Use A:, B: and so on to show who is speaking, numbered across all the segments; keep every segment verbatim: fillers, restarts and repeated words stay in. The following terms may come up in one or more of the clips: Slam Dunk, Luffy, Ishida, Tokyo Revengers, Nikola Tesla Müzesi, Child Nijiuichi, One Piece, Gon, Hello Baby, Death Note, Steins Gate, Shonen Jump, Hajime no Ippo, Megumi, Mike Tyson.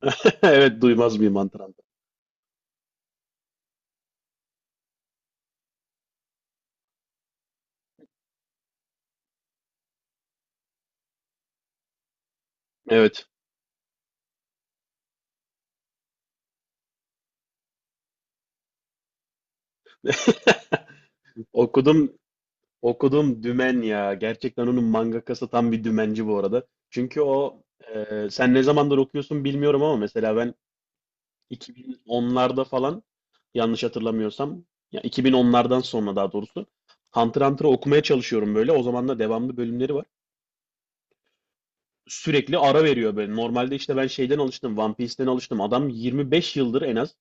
A: Evet, duymaz mıyım Antran'da? Evet. Okudum okudum Dümen ya. Gerçekten onun mangakası tam bir dümenci bu arada. Çünkü o e, sen ne zamandır okuyorsun bilmiyorum, ama mesela ben iki bin onlarda falan, yanlış hatırlamıyorsam, ya iki bin onlardan sonra daha doğrusu Hunter x Hunter'ı okumaya çalışıyorum böyle. O zaman da devamlı bölümleri var. Sürekli ara veriyor böyle. Normalde işte ben şeyden alıştım, One Piece'den alıştım. Adam yirmi beş yıldır en az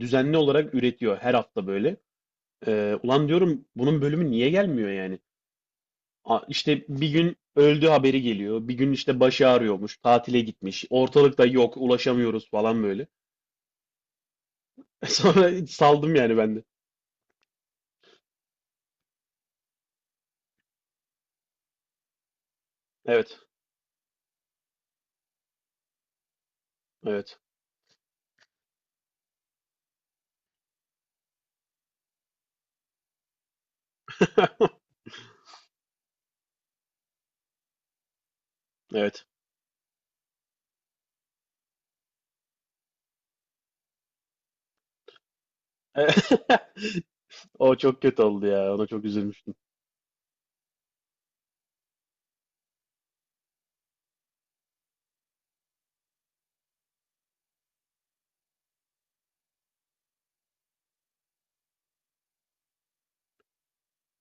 A: düzenli olarak üretiyor her hafta böyle. Ee, ulan diyorum bunun bölümü niye gelmiyor yani? A- İşte bir gün öldü haberi geliyor. Bir gün işte başı ağrıyormuş. Tatile gitmiş. Ortalıkta yok. Ulaşamıyoruz falan böyle. Sonra saldım yani ben de. Evet. Evet. Evet. O çok kötü oldu ya. Ona çok üzülmüştüm.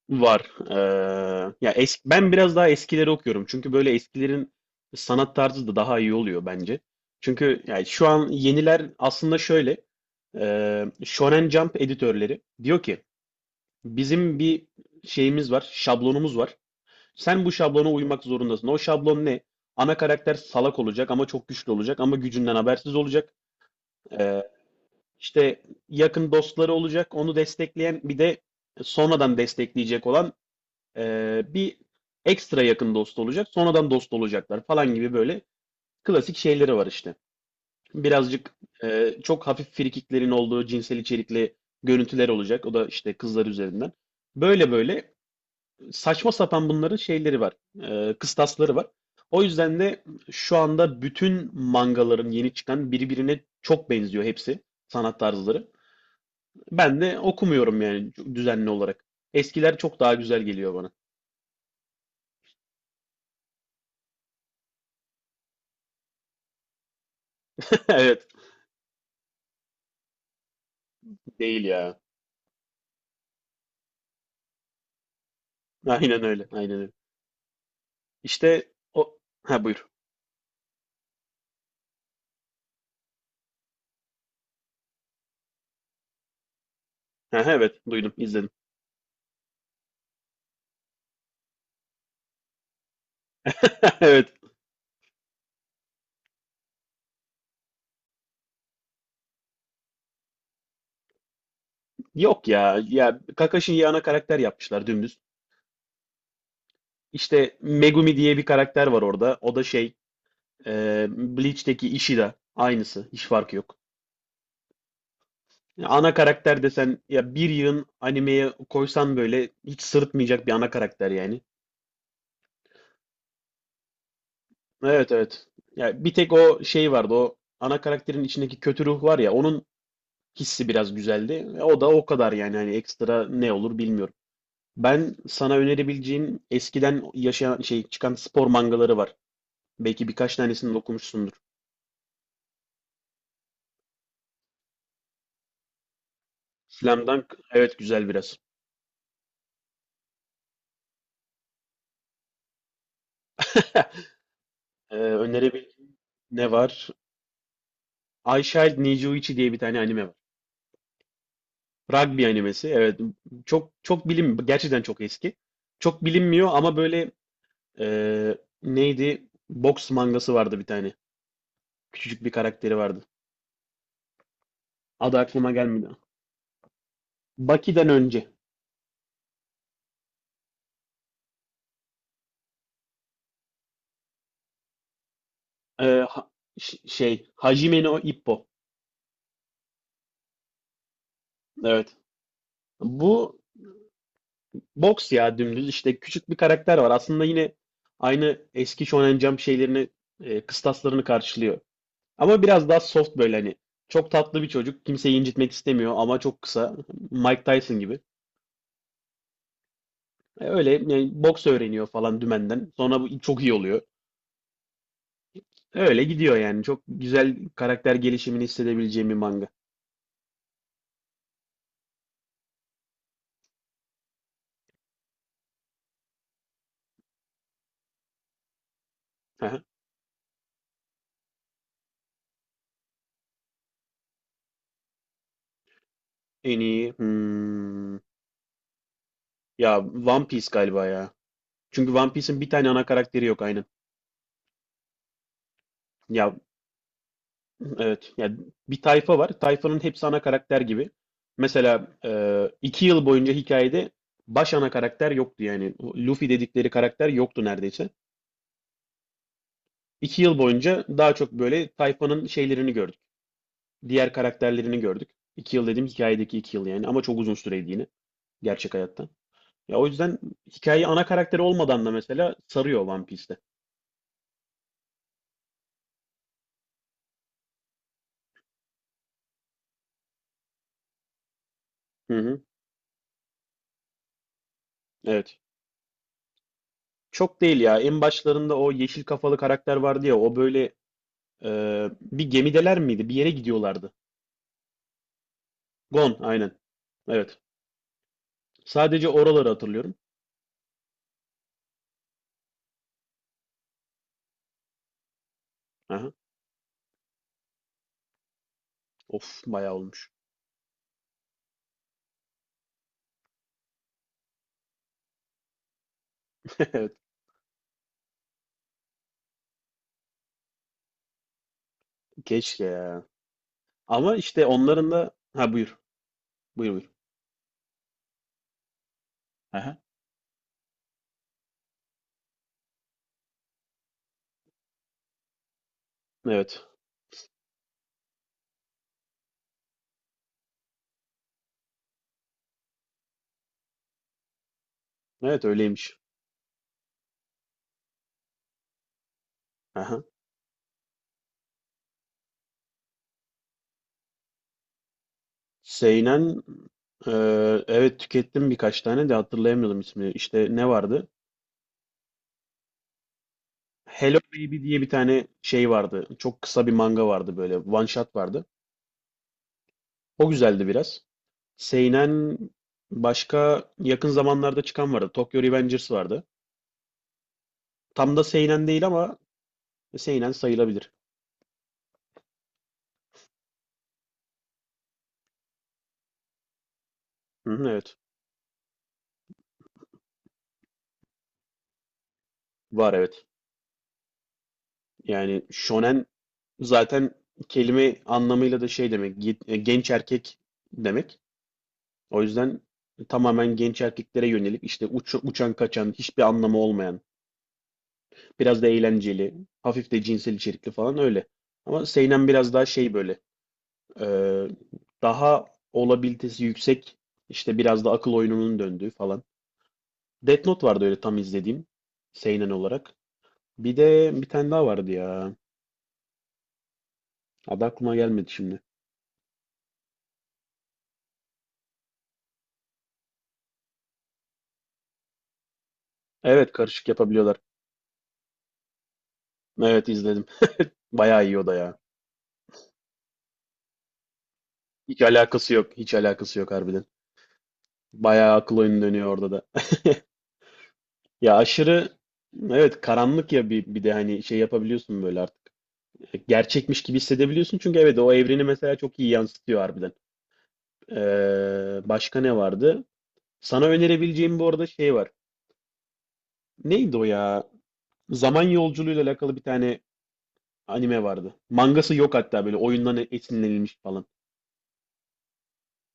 A: Var. Eee, ya es- ben biraz daha eskileri okuyorum. Çünkü böyle eskilerin sanat tarzı da daha iyi oluyor bence. Çünkü yani şu an yeniler aslında şöyle. eee Shonen Jump editörleri diyor ki bizim bir şeyimiz var, şablonumuz var. Sen bu şablona uymak zorundasın. O şablon ne? Ana karakter salak olacak ama çok güçlü olacak ama gücünden habersiz olacak. Eee işte yakın dostları olacak. Onu destekleyen bir de sonradan destekleyecek olan ee, bir ekstra yakın dost olacak, sonradan dost olacaklar falan gibi böyle klasik şeyleri var işte. Birazcık e, çok hafif frikiklerin olduğu cinsel içerikli görüntüler olacak. O da işte kızlar üzerinden. Böyle böyle saçma sapan bunların şeyleri var, e, kıstasları var. O yüzden de şu anda bütün mangaların yeni çıkan birbirine çok benziyor, hepsi sanat tarzları. Ben de okumuyorum yani düzenli olarak. Eskiler çok daha güzel geliyor bana. Evet, değil ya. Aynen öyle. Aynen öyle. İşte o, ha buyur. Ha, evet, duydum, izledim. Evet. Yok ya. Ya Kakashi'yi ana karakter yapmışlar dümdüz. İşte Megumi diye bir karakter var orada. O da şey, e, Bleach'teki Ishida. Aynısı. Hiç farkı yok. Ya ana karakter desen, ya bir yığın animeye koysan böyle hiç sırıtmayacak bir ana karakter yani. Evet, evet. Ya bir tek o şey vardı, o ana karakterin içindeki kötü ruh var ya, onun hissi biraz güzeldi. E, O da o kadar yani, hani ekstra ne olur bilmiyorum. Ben sana önerebileceğim eskiden yaşayan şey, çıkan spor mangaları var. Belki birkaç tanesini de okumuşsundur. Slam Dunk, evet, güzel biraz. Ee, önerebileceğim ne var? I Child Nijiuichi diye bir tane anime var. Rugby animesi. Evet, çok çok bilim, gerçekten çok eski. Çok bilinmiyor ama böyle, e, neydi? Boks mangası vardı bir tane. Küçücük bir karakteri vardı. Adı aklıma gelmedi. Baki'den önce. Ee, ha- Şey, Hajime no Ippo. Evet. Bu boks ya, dümdüz işte küçük bir karakter var. Aslında yine aynı eski Shonen Jump şeylerini, e, kıstaslarını karşılıyor. Ama biraz daha soft böyle, hani. Çok tatlı bir çocuk. Kimseyi incitmek istemiyor ama çok kısa. Mike Tyson gibi. E, Öyle yani boks öğreniyor falan dümenden. Sonra bu çok iyi oluyor. Öyle gidiyor yani. Çok güzel karakter gelişimini hissedebileceğim bir manga. Aha. En iyi. hmm, Ya One Piece galiba ya. Çünkü One Piece'in bir tane ana karakteri yok aynen. Ya evet. Ya bir tayfa var. Tayfanın hepsi ana karakter gibi. Mesela e, iki yıl boyunca hikayede baş ana karakter yoktu yani. O Luffy dedikleri karakter yoktu neredeyse. İki yıl boyunca daha çok böyle tayfanın şeylerini gördük. Diğer karakterlerini gördük. İki yıl dediğim hikayedeki iki yıl yani. Ama çok uzun süreydi yine. Gerçek hayatta. Ya o yüzden hikaye ana karakteri olmadan da mesela sarıyor One Piece'te. Hı hı. Evet. Çok değil ya. En başlarında o yeşil kafalı karakter vardı ya. O böyle e, bir gemideler miydi? Bir yere gidiyorlardı. Gon, aynen. Evet. Sadece oraları hatırlıyorum. Aha. Of, bayağı olmuş. Evet. Keşke ya. Ama işte onların da... Ha buyur. Buyur, buyur. Aha. Evet. Evet, öyleymiş. Aha. Seinen... e, evet, tükettim birkaç tane de hatırlayamıyordum ismini. İşte ne vardı? Hello Baby diye bir tane şey vardı. Çok kısa bir manga vardı böyle. One shot vardı. O güzeldi biraz. Seinen, başka yakın zamanlarda çıkan vardı. Tokyo Revengers vardı. Tam da seinen değil ama seinen sayılabilir. Hı hı, evet. Var, evet. Yani shonen zaten kelime anlamıyla da şey demek. ge- e, Genç erkek demek. O yüzden tamamen genç erkeklere yönelik, işte uç- uçan kaçan hiçbir anlamı olmayan, biraz da eğlenceli, hafif de cinsel içerikli falan öyle. Ama seinen biraz daha şey böyle. Ee, daha olabilitesi yüksek, işte biraz da akıl oyununun döndüğü falan. Death Note vardı öyle, tam izlediğim seinen olarak. Bir de bir tane daha vardı ya. Adı aklıma gelmedi şimdi. Evet, karışık yapabiliyorlar. Evet, izledim. Bayağı iyi o da ya. Hiç alakası yok. Hiç alakası yok harbiden. Bayağı akıl oyunu dönüyor orada da. Ya aşırı, evet, karanlık ya, bir, bir de hani şey yapabiliyorsun böyle artık. Gerçekmiş gibi hissedebiliyorsun, çünkü evet, o evreni mesela çok iyi yansıtıyor harbiden. Ee, başka ne vardı? Sana önerebileceğim bu arada şey var. Neydi o ya? Zaman yolculuğuyla alakalı bir tane anime vardı. Mangası yok hatta, böyle oyundan esinlenilmiş falan.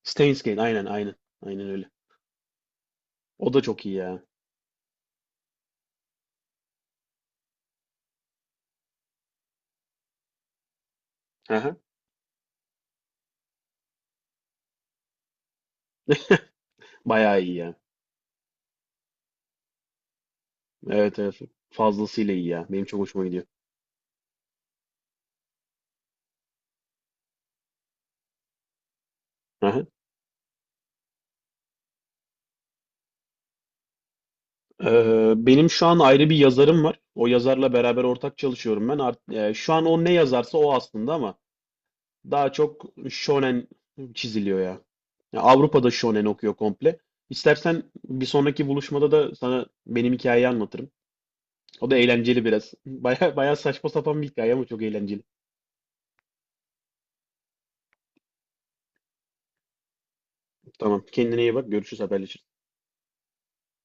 A: Steins Gate, aynen, aynen. Aynen öyle. O da çok iyi ya. Aha. Bayağı iyi ya. Evet, evet. Fazlasıyla iyi ya. Benim çok hoşuma gidiyor. Aha. Ee, benim şu an ayrı bir yazarım var. O yazarla beraber ortak çalışıyorum ben. Art- e, şu an o ne yazarsa o aslında, ama daha çok shonen çiziliyor ya. Ya Avrupa'da shonen okuyor komple. İstersen bir sonraki buluşmada da sana benim hikayeyi anlatırım. O da eğlenceli biraz. Baya baya saçma sapan bir hikaye ama çok eğlenceli. Tamam. Kendine iyi bak. Görüşürüz, haberleşiriz.